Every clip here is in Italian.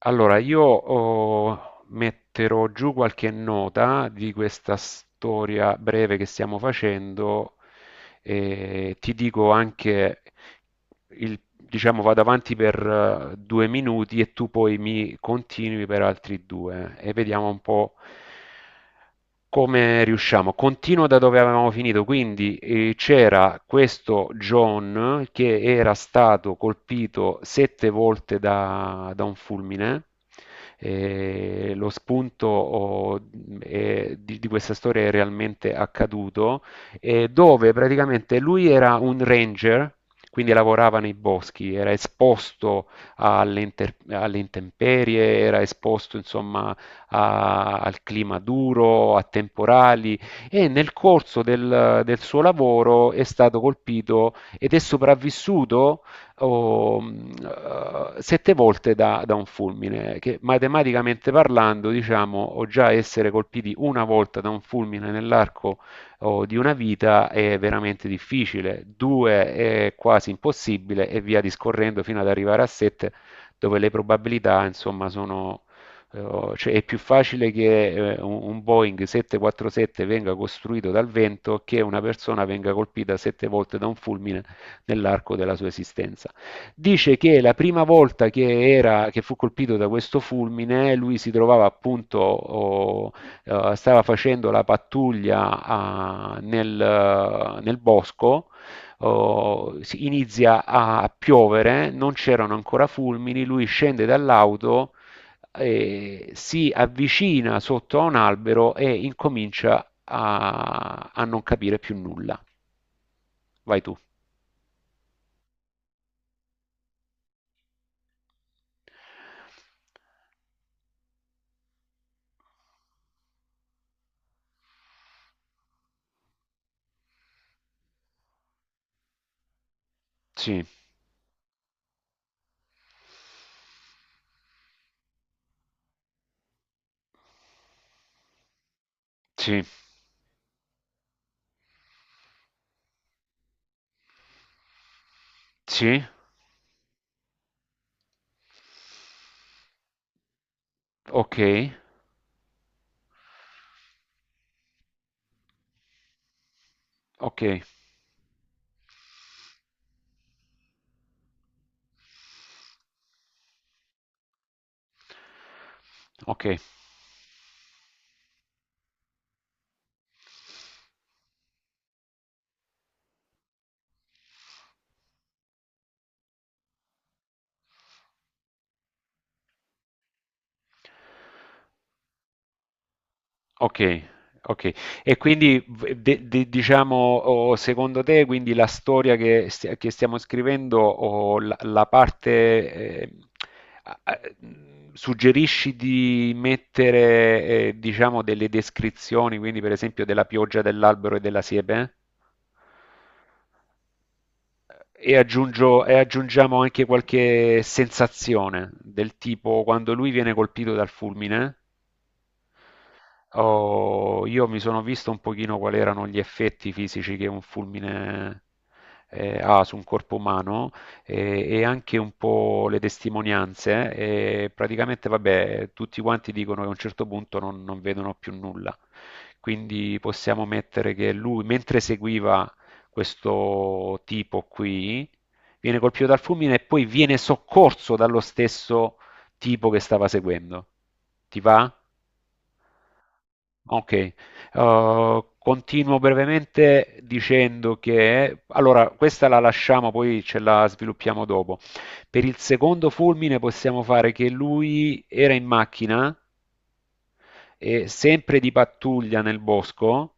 Allora, io metterò giù qualche nota di questa storia breve che stiamo facendo e ti dico anche diciamo vado avanti per 2 minuti e tu poi mi continui per altri due e vediamo un po' come riusciamo. Continuo da dove avevamo finito, quindi c'era questo John che era stato colpito sette volte da un fulmine. Lo spunto di questa storia è realmente accaduto dove praticamente lui era un ranger, quindi lavorava nei boschi, era esposto alle intemperie, era esposto insomma al clima duro, a temporali e nel corso del suo lavoro è stato colpito ed è sopravvissuto oh, mh, sette volte da un fulmine, che matematicamente parlando diciamo o già essere colpiti una volta da un fulmine nell'arco o di una vita è veramente difficile, due è quasi impossibile e via discorrendo fino ad arrivare a sette dove le probabilità insomma sono. Cioè è più facile che un Boeing 747 venga costruito dal vento che una persona venga colpita sette volte da un fulmine nell'arco della sua esistenza. Dice che la prima volta che fu colpito da questo fulmine, lui si trovava appunto stava facendo la pattuglia nel bosco, oh, inizia a piovere, non c'erano ancora fulmini, lui scende dall'auto, si avvicina sotto a un albero e incomincia a non capire più nulla. Vai tu. Sì, sì, sì, ok, ok, ok. Okay, okay. E quindi v de de diciamo, o secondo te quindi la storia che stiamo scrivendo o la parte, suggerisci di mettere, diciamo delle descrizioni, quindi per esempio della pioggia, dell'albero e della siepe? E aggiungiamo anche qualche sensazione, del tipo quando lui viene colpito dal fulmine. Oh, io mi sono visto un pochino quali erano gli effetti fisici che un fulmine ha su un corpo umano e anche un po' le testimonianze. E praticamente, vabbè, tutti quanti dicono che a un certo punto non, non vedono più nulla. Quindi possiamo mettere che lui, mentre seguiva questo tipo qui, viene colpito dal fulmine e poi viene soccorso dallo stesso tipo che stava seguendo. Ti va? Ok. Continuo brevemente dicendo che, allora, questa la lasciamo, poi ce la sviluppiamo dopo. Per il secondo fulmine possiamo fare che lui era in macchina e sempre di pattuglia nel bosco.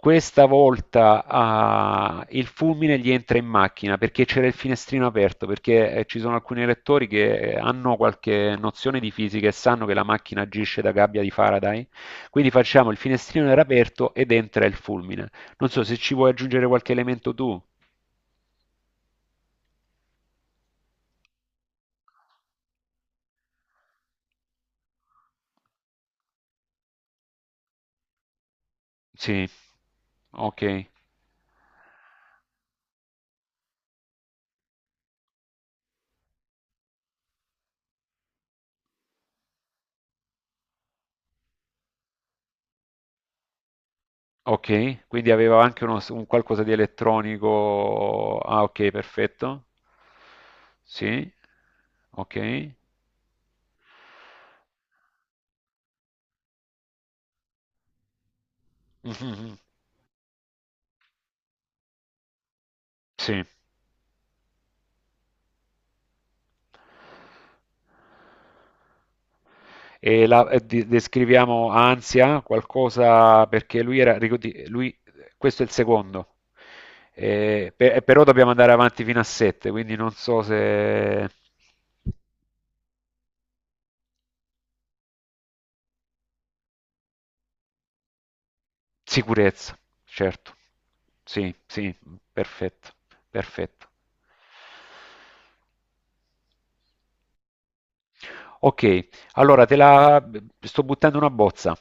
Questa volta il fulmine gli entra in macchina perché c'era il finestrino aperto, perché ci sono alcuni lettori che hanno qualche nozione di fisica e sanno che la macchina agisce da gabbia di Faraday. Quindi facciamo il finestrino era aperto ed entra il fulmine. Non so se ci vuoi aggiungere qualche elemento tu. Sì, ok, ok. Quindi aveva anche un qualcosa di elettronico. Ah, ok, perfetto. Sì. Ok? Mhm. Sì. E descriviamo ansia, qualcosa perché lui era, questo è il secondo. Però dobbiamo andare avanti fino a sette, quindi non so se. Sicurezza, certo. Sì, sì, perfetto, perfetto. Ok, allora te la sto buttando una bozza.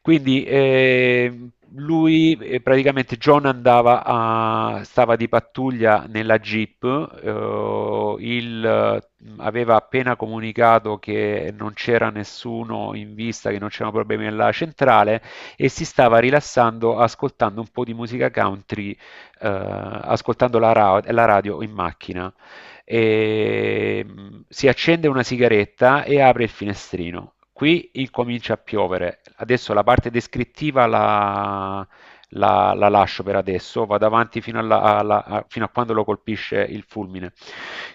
Quindi lui praticamente John stava di pattuglia nella Jeep, eh, il, eh, aveva appena comunicato che non c'era nessuno in vista, che non c'erano problemi nella centrale e si stava rilassando ascoltando un po' di musica country, ascoltando la radio in macchina e si accende una sigaretta e apre il finestrino. Qui incomincia a piovere. Adesso la parte descrittiva la lascio per adesso, vado avanti fino a quando lo colpisce il fulmine.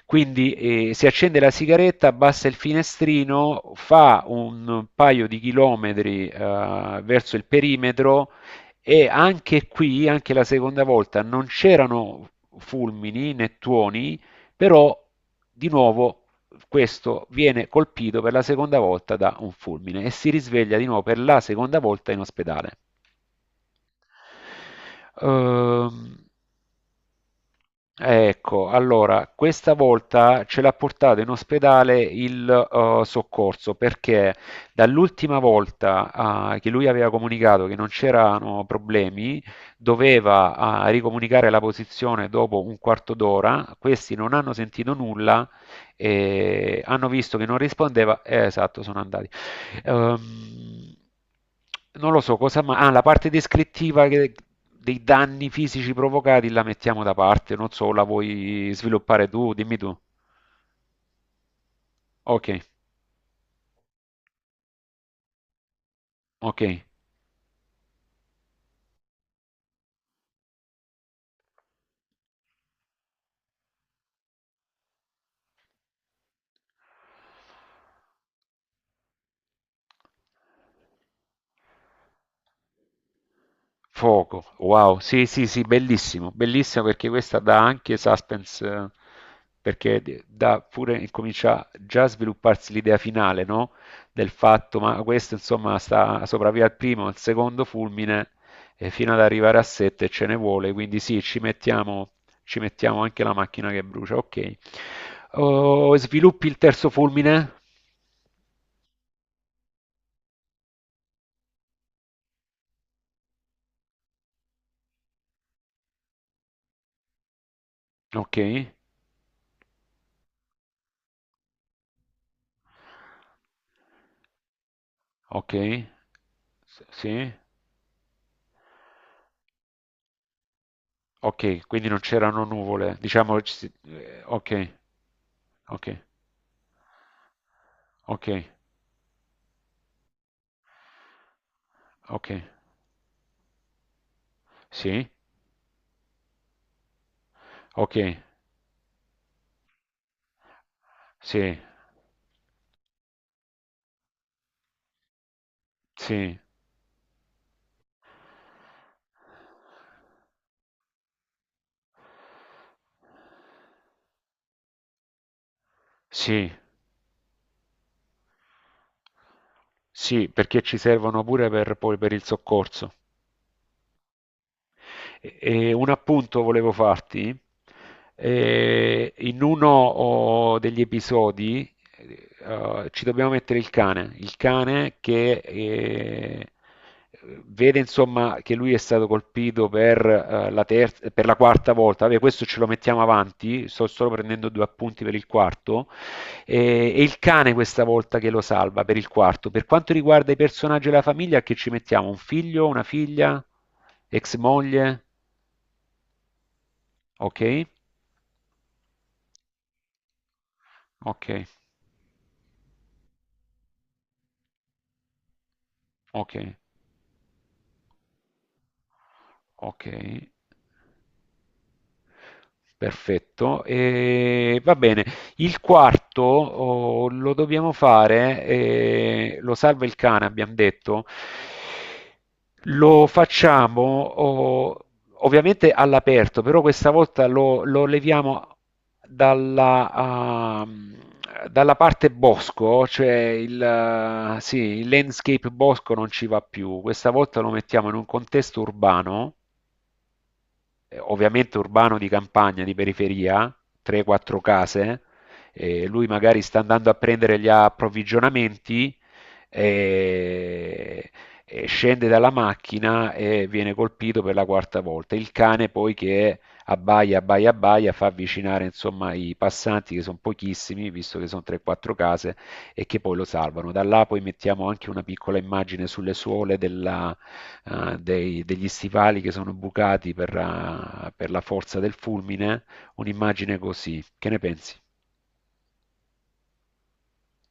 Quindi si accende la sigaretta, abbassa il finestrino, fa un paio di chilometri verso il perimetro e anche qui, anche la seconda volta, non c'erano fulmini né tuoni, però di nuovo questo viene colpito per la seconda volta da un fulmine e si risveglia di nuovo per la seconda volta in ospedale. Ehm, ecco, allora, questa volta ce l'ha portato in ospedale il soccorso perché dall'ultima volta che lui aveva comunicato che non c'erano problemi, doveva ricomunicare la posizione dopo un quarto d'ora, questi non hanno sentito nulla e hanno visto che non rispondeva, esatto, sono andati. Ehm, non lo so cosa, ma la parte descrittiva dei danni fisici provocati la mettiamo da parte, non so, la vuoi sviluppare tu? Dimmi tu. Ok, ok. Fuoco, wow, sì, sì, sì, bellissimo, bellissimo perché questa dà anche suspense, perché dà pure, comincia già a svilupparsi l'idea finale, no? Del fatto, ma questo insomma sta sopravvive al primo, al secondo fulmine, e fino ad arrivare a sette ce ne vuole, quindi sì, ci mettiamo anche la macchina che brucia, ok. Oh, sviluppi il terzo fulmine? Ok, ok, sì, ok, quindi non c'erano nuvole, diciamo. Okay, okay, okay, okay. Sì, okay, sì, sì, sì. Sì, perché ci servono pure per poi per il soccorso. E un appunto volevo farti. In uno degli episodi ci dobbiamo mettere il cane che vede insomma che lui è stato colpito per, la terza, per la quarta volta. Vabbè, questo ce lo mettiamo avanti, sto solo prendendo due appunti per il quarto. E il cane questa volta che lo salva per il quarto. Per quanto riguarda i personaggi della famiglia, che ci mettiamo? Un figlio, una figlia, ex moglie? Ok, ok, ok, ok. Perfetto, e va bene. Il quarto lo dobbiamo fare, lo salva il cane, abbiamo detto. Lo facciamo ovviamente all'aperto, però questa volta lo leviamo dalla, ah, dalla parte bosco, cioè sì, il landscape bosco non ci va più. Questa volta lo mettiamo in un contesto urbano ovviamente urbano di campagna, di periferia, 3-4 case, lui magari sta andando a prendere gli approvvigionamenti, eh, scende dalla macchina e viene colpito per la quarta volta. Il cane poi che abbaia, abbaia, abbaia, fa avvicinare insomma i passanti che sono pochissimi, visto che sono 3-4 case, e che poi lo salvano. Da là poi mettiamo anche una piccola immagine sulle suole degli stivali che sono bucati per la forza del fulmine, un'immagine così. Che ne pensi?